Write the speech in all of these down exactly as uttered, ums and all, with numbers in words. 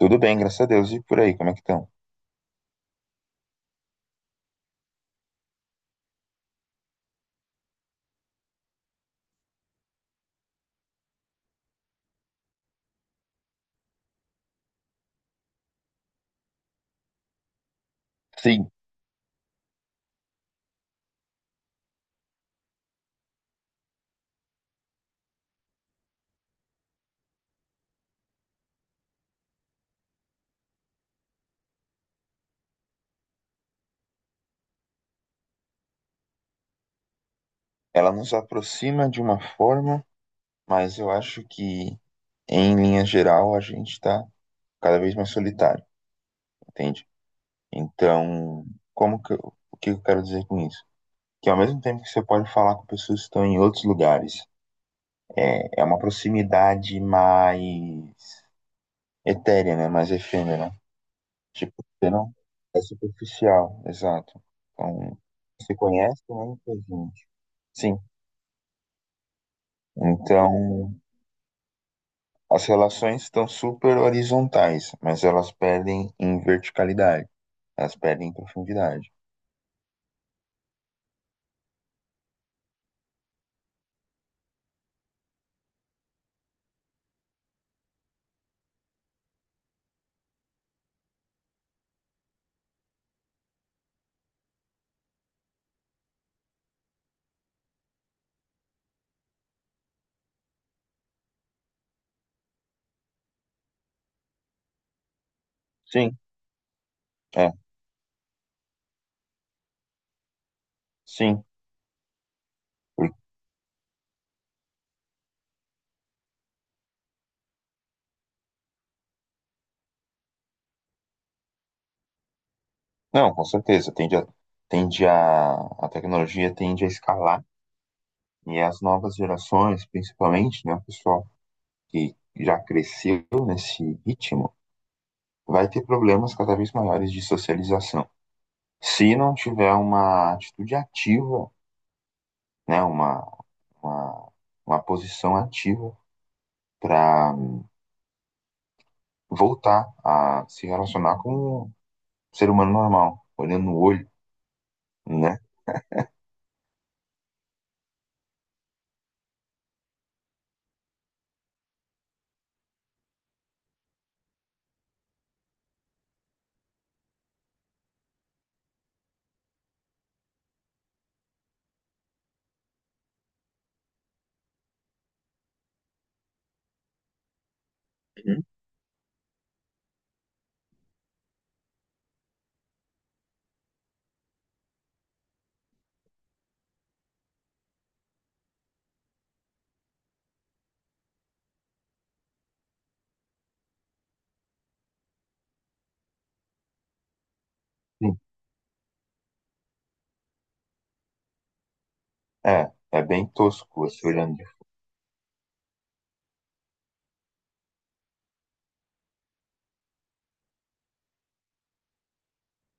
Tudo bem, graças a Deus. E por aí, como é que estão? Sim, ela nos aproxima de uma forma, mas eu acho que, em linha geral, a gente está cada vez mais solitário, entende? Então, como que eu, o que eu quero dizer com isso? Que ao mesmo tempo que você pode falar com pessoas que estão em outros lugares, é, é uma proximidade mais etérea, né? Mais efêmera, né? Tipo, você não É superficial, exato. Então, você conhece, né? Gente. Sim. Então, as relações estão super horizontais, mas elas perdem em verticalidade, elas perdem em profundidade. Sim, é, sim. Por- Não, com certeza. Tende a, tende a, a tecnologia tende a escalar e as novas gerações, principalmente, né, o pessoal que já cresceu nesse ritmo, vai ter problemas cada vez maiores de socialização. Se não tiver uma atitude ativa, né, uma, uma, uma posição ativa para voltar a se relacionar com um ser humano normal, olhando no olho, né? Uhum. Sim. É, é bem tosco você olhando.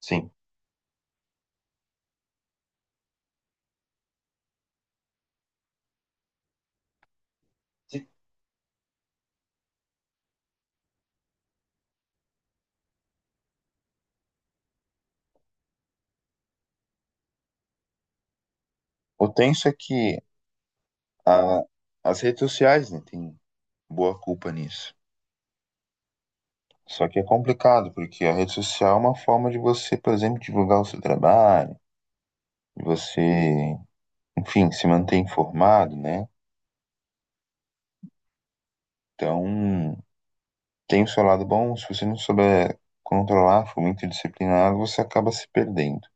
Sim. O tenso é que a- as redes sociais, né, têm boa culpa nisso. Só que é complicado, porque a rede social é uma forma de você, por exemplo, divulgar o seu trabalho, de você, enfim, se manter informado, né? Então, tem o seu lado bom, se você não souber controlar, for muito disciplinado, você acaba se perdendo.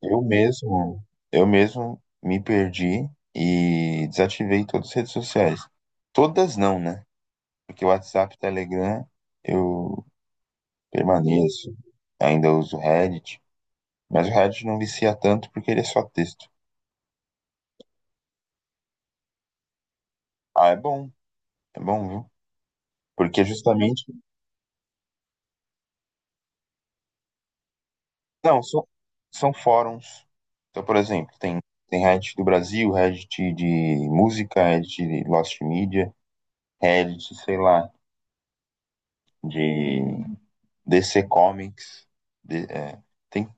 Eu mesmo, eu mesmo me perdi e desativei todas as redes sociais. Todas não, né? Porque o WhatsApp, Telegram, eu permaneço, ainda uso o Reddit, mas o Reddit não vicia tanto porque ele é só texto. Ah, é bom, é bom, viu? Porque justamente, não, são, são fóruns. Então, por exemplo, tem, tem Reddit do Brasil, Reddit de música, Reddit de Lost Media, Reddit, sei lá, de D C Comics, de- é, tem,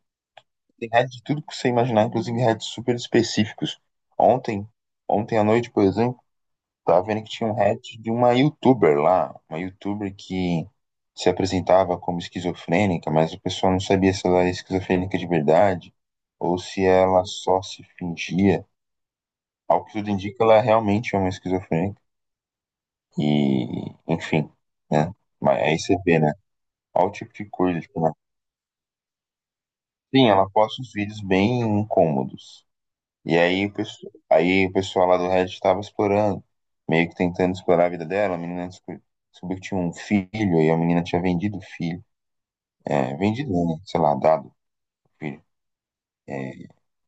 tem heads de tudo que você imaginar, inclusive heads super específicos. Ontem, ontem à noite, por exemplo, tava vendo que tinha um head de uma YouTuber lá, uma YouTuber que se apresentava como esquizofrênica, mas a pessoa não sabia se ela era esquizofrênica de verdade ou se ela só se fingia. Ao que tudo indica, ela realmente é uma esquizofrênica. E, enfim, né? Mas aí você vê, né? Olha o tipo de coisa, tipo, sim, ela posta uns vídeos bem incômodos. E aí o pessoal, aí o pessoal lá do Reddit estava explorando, meio que tentando explorar a vida dela. A menina desco- descobriu que tinha um filho e a menina tinha vendido o filho. É, vendido, né? Sei lá, dado o filho. É,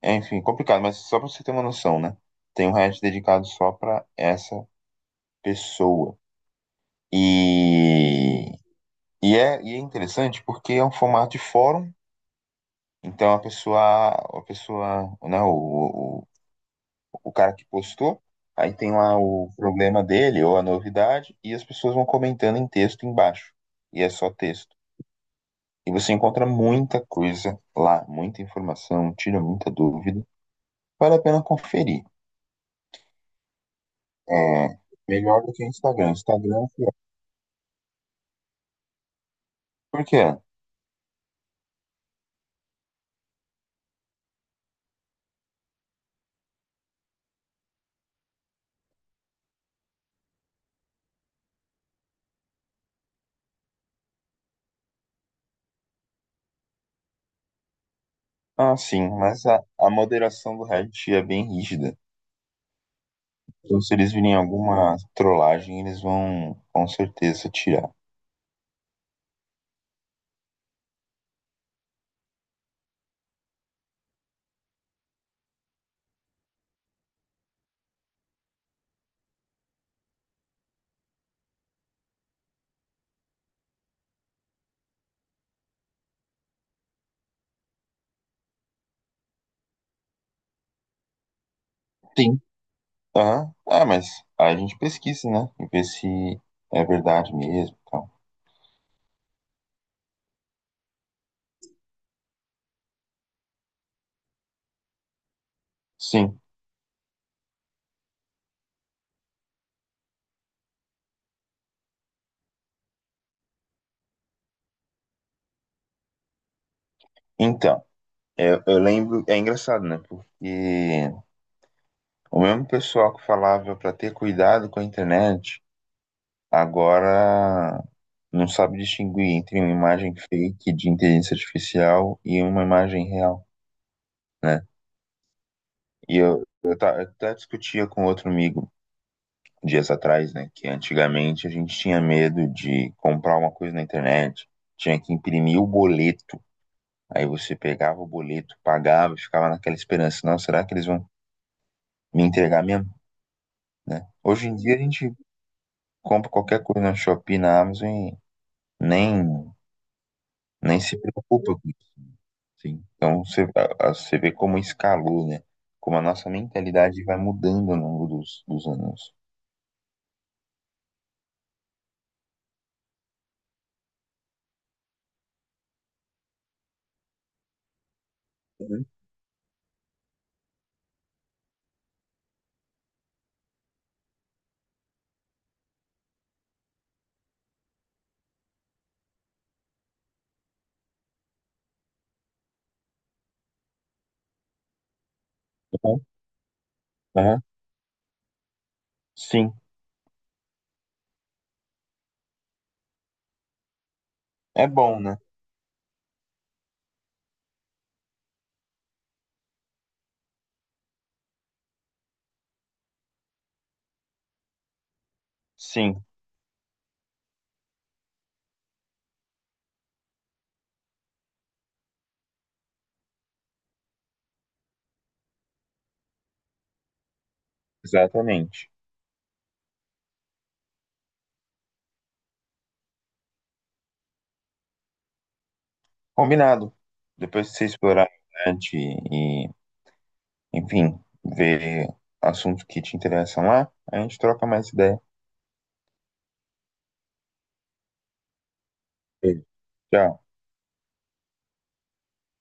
é, enfim, complicado, mas só pra você ter uma noção, né? Tem um Reddit dedicado só pra essa pessoa. E, e, é, e é interessante porque é um formato de fórum. Então a pessoa, a pessoa, né, o, o cara que postou, aí tem lá o problema dele ou a novidade, e as pessoas vão comentando em texto embaixo. E é só texto. E você encontra muita coisa lá, muita informação, tira muita dúvida. Vale a pena conferir. É melhor do que o Instagram. Instagram é pior. Por quê? Ah, sim, mas a, a moderação do Reddit é bem rígida. Então, se eles virem alguma trollagem, eles vão com certeza tirar. Sim. Aham. Ah, mas aí a gente pesquisa, né? E vê se é verdade mesmo, e tal. Sim. Então, eu, eu lembro. É engraçado, né? Porque o mesmo pessoal que falava pra ter cuidado com a internet, agora não sabe distinguir entre uma imagem fake de inteligência artificial e uma imagem real, né? E eu, eu, ta- eu até discutia com outro amigo dias atrás, né? Que antigamente a gente tinha medo de comprar uma coisa na internet, tinha que imprimir o boleto. Aí você pegava o boleto, pagava, ficava naquela esperança, não, será que eles vão me entregar mesmo, né? Hoje em dia a gente compra qualquer coisa na Shopee, na Amazon e nem, nem se preocupa com isso, assim. Então você, a- a- você vê como escalou, né? Como a nossa mentalidade vai mudando ao longo dos, dos anos. Uhum. Aham, sim, é bom, né? Sim, exatamente. Combinado. Depois que você explorar a internet e, enfim, ver assuntos que te interessam lá, a gente troca mais ideia. Beijo, tchau.